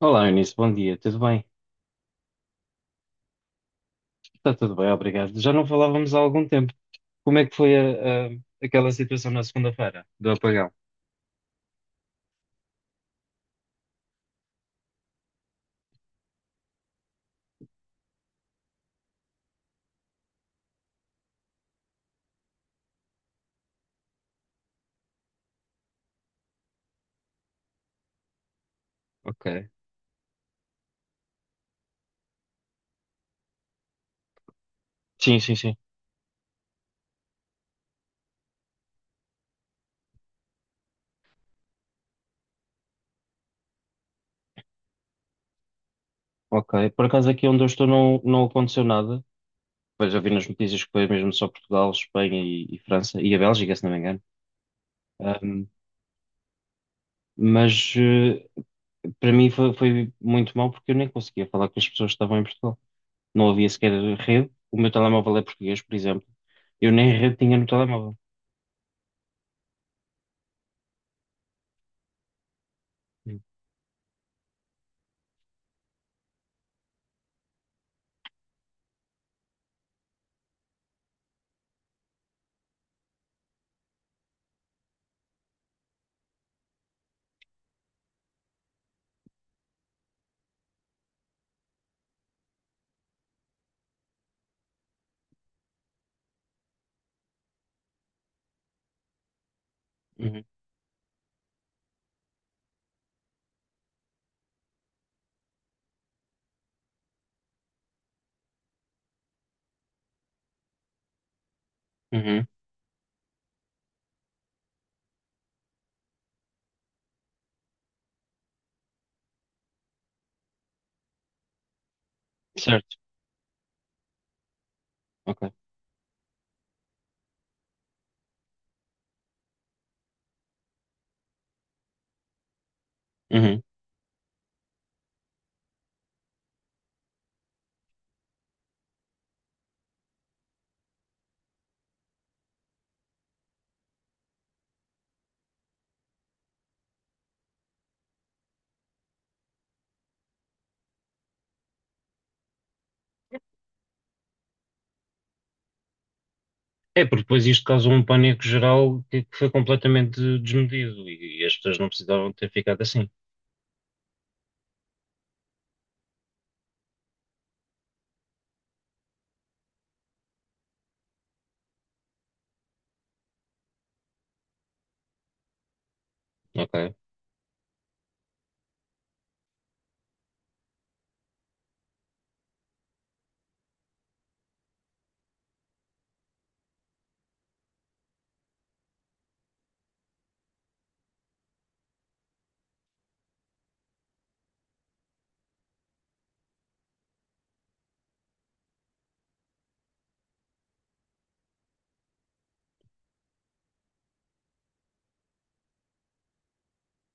Olá, Eunice, bom dia, tudo bem? Está tudo bem, obrigado. Já não falávamos há algum tempo. Como é que foi aquela situação na segunda-feira do apagão? Ok. Sim, sim, sim. Ok. Por acaso aqui onde eu estou não aconteceu nada. Pois já vi nas notícias que foi mesmo só Portugal, Espanha e França e a Bélgica, se não me engano. Ahm, mas eh, Para mim foi muito mal porque eu nem conseguia falar com as pessoas que estavam em Portugal. Não havia sequer rede. O meu telemóvel é português, por exemplo. Eu nem rede tinha no telemóvel. Uhum, uhum. Certo. Ok. Uhum. É, porque depois isto causou um pânico geral que foi completamente desmedido e as pessoas não precisavam ter ficado assim. Ok.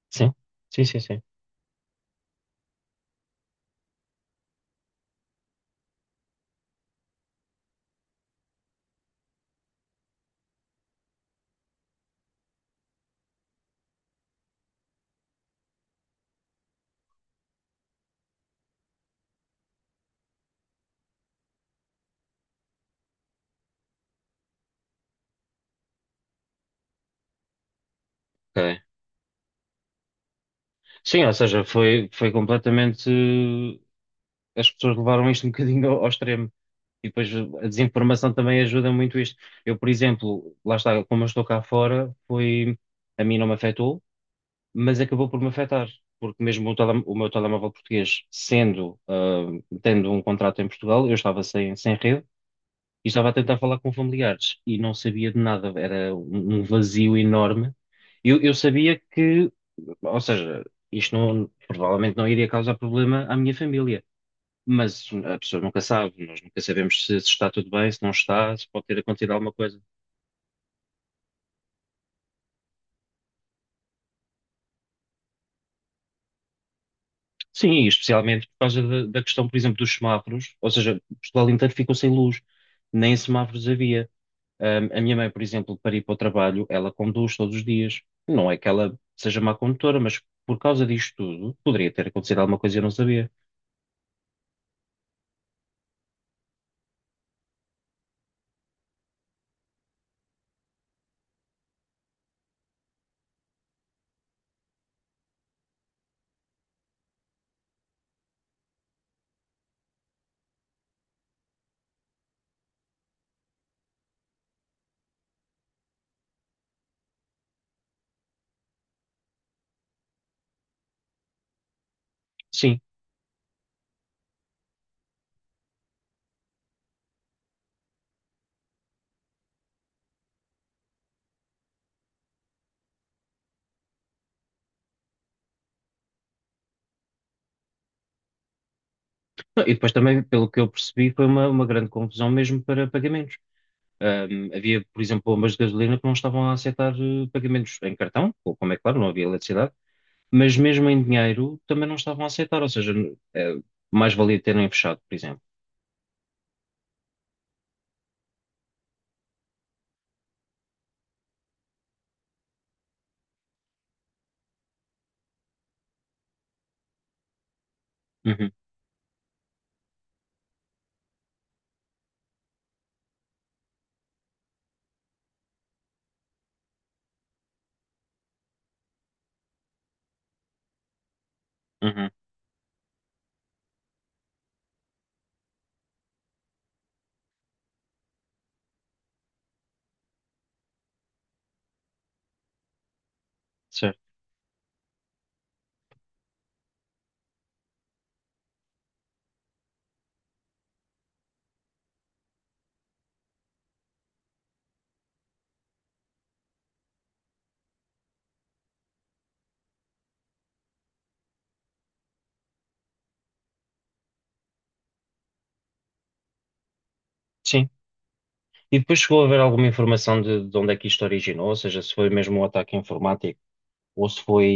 Sim. Sim, sim, sim. Ok. Sim, ou seja, foi completamente. As pessoas levaram isto um bocadinho ao extremo. E depois a desinformação também ajuda muito isto. Eu, por exemplo, lá está, como eu estou cá fora, foi. A mim não me afetou, mas acabou por me afetar, porque o meu telemóvel português, tendo um contrato em Portugal, eu estava sem rede e estava a tentar falar com familiares e não sabia de nada, era um um vazio enorme. Eu sabia que, ou seja, isto não- provavelmente não iria causar problema à minha família, mas a pessoa nunca sabe, nós nunca sabemos se, se está tudo bem, se não está, se pode ter acontecido alguma coisa. Sim, especialmente por causa da questão, por exemplo, dos semáforos, ou seja, Portugal inteiro ficou sem luz, nem semáforos havia. A minha mãe, por exemplo, para ir para o trabalho, ela conduz todos os dias. Não é que ela seja má condutora, mas por causa disto tudo, poderia ter acontecido alguma coisa e eu não sabia. Sim. Não, e depois também, pelo que eu percebi, foi uma grande confusão mesmo para pagamentos. Havia, por exemplo, bombas de gasolina que não estavam a aceitar pagamentos em cartão, ou como é claro, não havia eletricidade. Mas mesmo em dinheiro também não estavam a aceitar, ou seja, eh, mais valia terem fechado, por exemplo. Uhum, uhum, certo. Sim. E depois chegou a haver alguma informação de onde é que isto originou, ou seja, se foi mesmo um ataque informático ou se foi.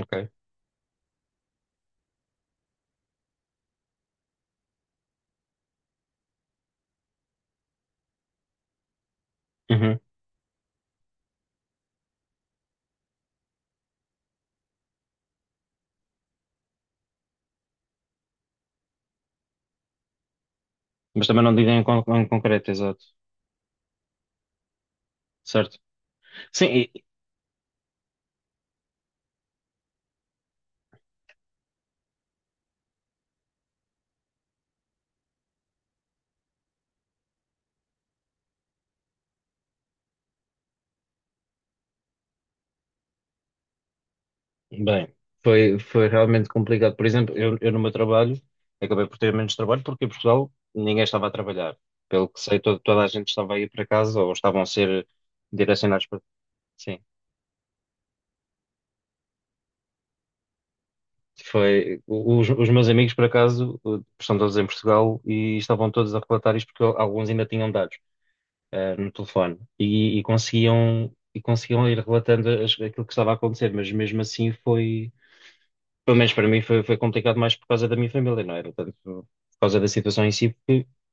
Ok. Uhum. Mas também não digo em concreto, exato. Certo. Sim, e- Bem, foi realmente complicado. Por exemplo, eu no meu trabalho acabei por ter menos trabalho porque em Portugal ninguém estava a trabalhar. Pelo que sei, toda a gente estava a ir para casa ou estavam a ser direcionados para. Sim, foi. Os meus amigos, por acaso, eh, estão todos em Portugal e estavam todos a relatar isto porque alguns ainda tinham dados eh, no telefone e conseguiam ir relatando aquilo que estava a acontecer, mas mesmo assim foi, pelo menos para mim, foi complicado mais por causa da minha família, não era tanto por causa da situação em si.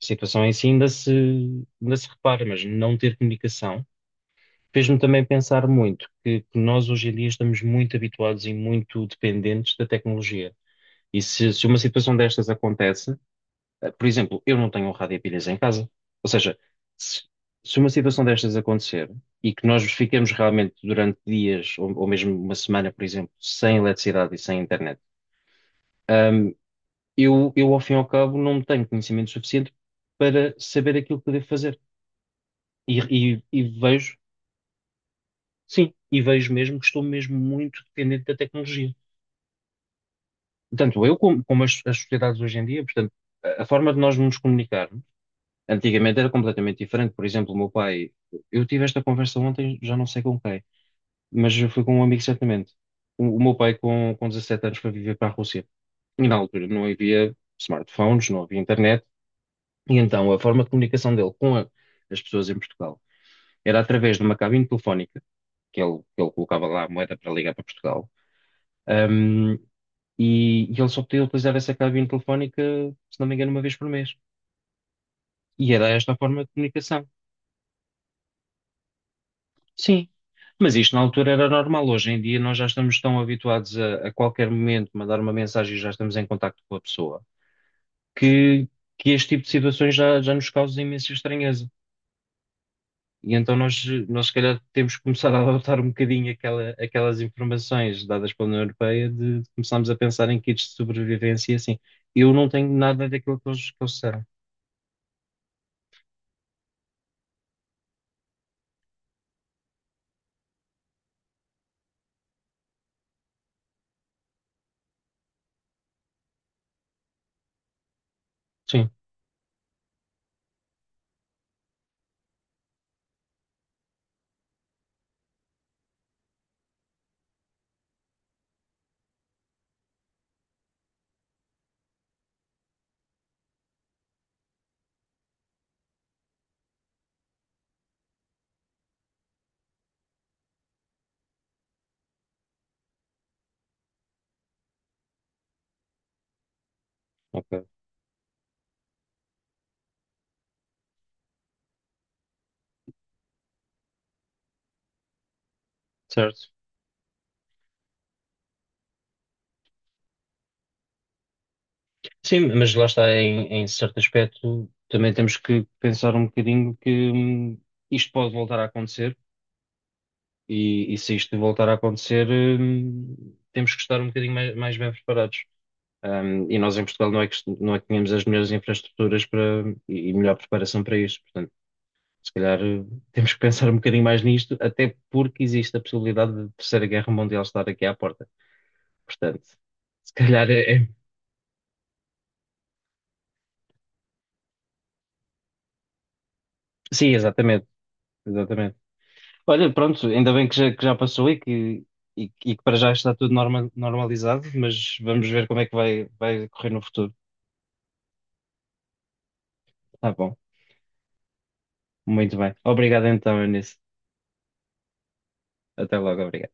A situação em si ainda se repara, mas não ter comunicação fez-me também pensar muito que nós hoje em dia estamos muito habituados e muito dependentes da tecnologia. E se uma situação destas acontece, eh, por exemplo, eu não tenho um rádio a pilhas em casa. Ou seja, se, se uma situação destas acontecer e que nós fiquemos realmente durante dias ou mesmo uma semana, por exemplo, sem eletricidade e sem internet, ahm, eu, ao fim e ao cabo, não tenho conhecimento suficiente para saber aquilo que devo fazer. E vejo, sim, e vejo mesmo que estou mesmo muito dependente da tecnologia. Tanto eu como, como as sociedades hoje em dia, portanto, a forma de nós nos comunicarmos antigamente era completamente diferente. Por exemplo, o meu pai, eu tive esta conversa ontem, já não sei com quem, mas foi com um amigo certamente. O meu pai, com 17 anos, foi viver para a Rússia. E na altura não havia smartphones, não havia internet. E então a forma de comunicação dele com as pessoas em Portugal era através de uma cabine telefónica, que ele colocava lá a moeda para ligar para Portugal. Ahm, e ele só podia utilizar essa cabine telefónica, se não me engano, uma vez por mês. E era esta a forma de comunicação. Sim, mas isto na altura era normal. Hoje em dia nós já estamos tão habituados a qualquer momento mandar uma mensagem e já estamos em contacto com a pessoa que, que este tipo de situações já nos causa imensa estranheza. E então nós se calhar temos que começar a adotar um bocadinho aquela, aquelas informações dadas pela União Europeia de começarmos a pensar em kits de sobrevivência e assim. Eu não tenho nada daquilo que eles disseram. Sim, ok, certo. Sim, mas lá está, em, em certo aspecto, também temos que pensar um bocadinho que isto pode voltar a acontecer e se isto voltar a acontecer, temos que estar um bocadinho mais, mais bem preparados. E nós em Portugal não é que, não é que tínhamos as melhores infraestruturas para, e melhor preparação para isto. Portanto, se calhar temos que pensar um bocadinho mais nisto, até porque existe a possibilidade de Terceira Guerra Mundial estar aqui à porta. Portanto, se calhar Sim, exatamente, exatamente. Olha, pronto, ainda bem que já passou e que, e que para já está tudo normalizado, mas vamos ver como é que vai correr no futuro. Tá bom, muito bem. Obrigado então, Eunice. Até logo, obrigado.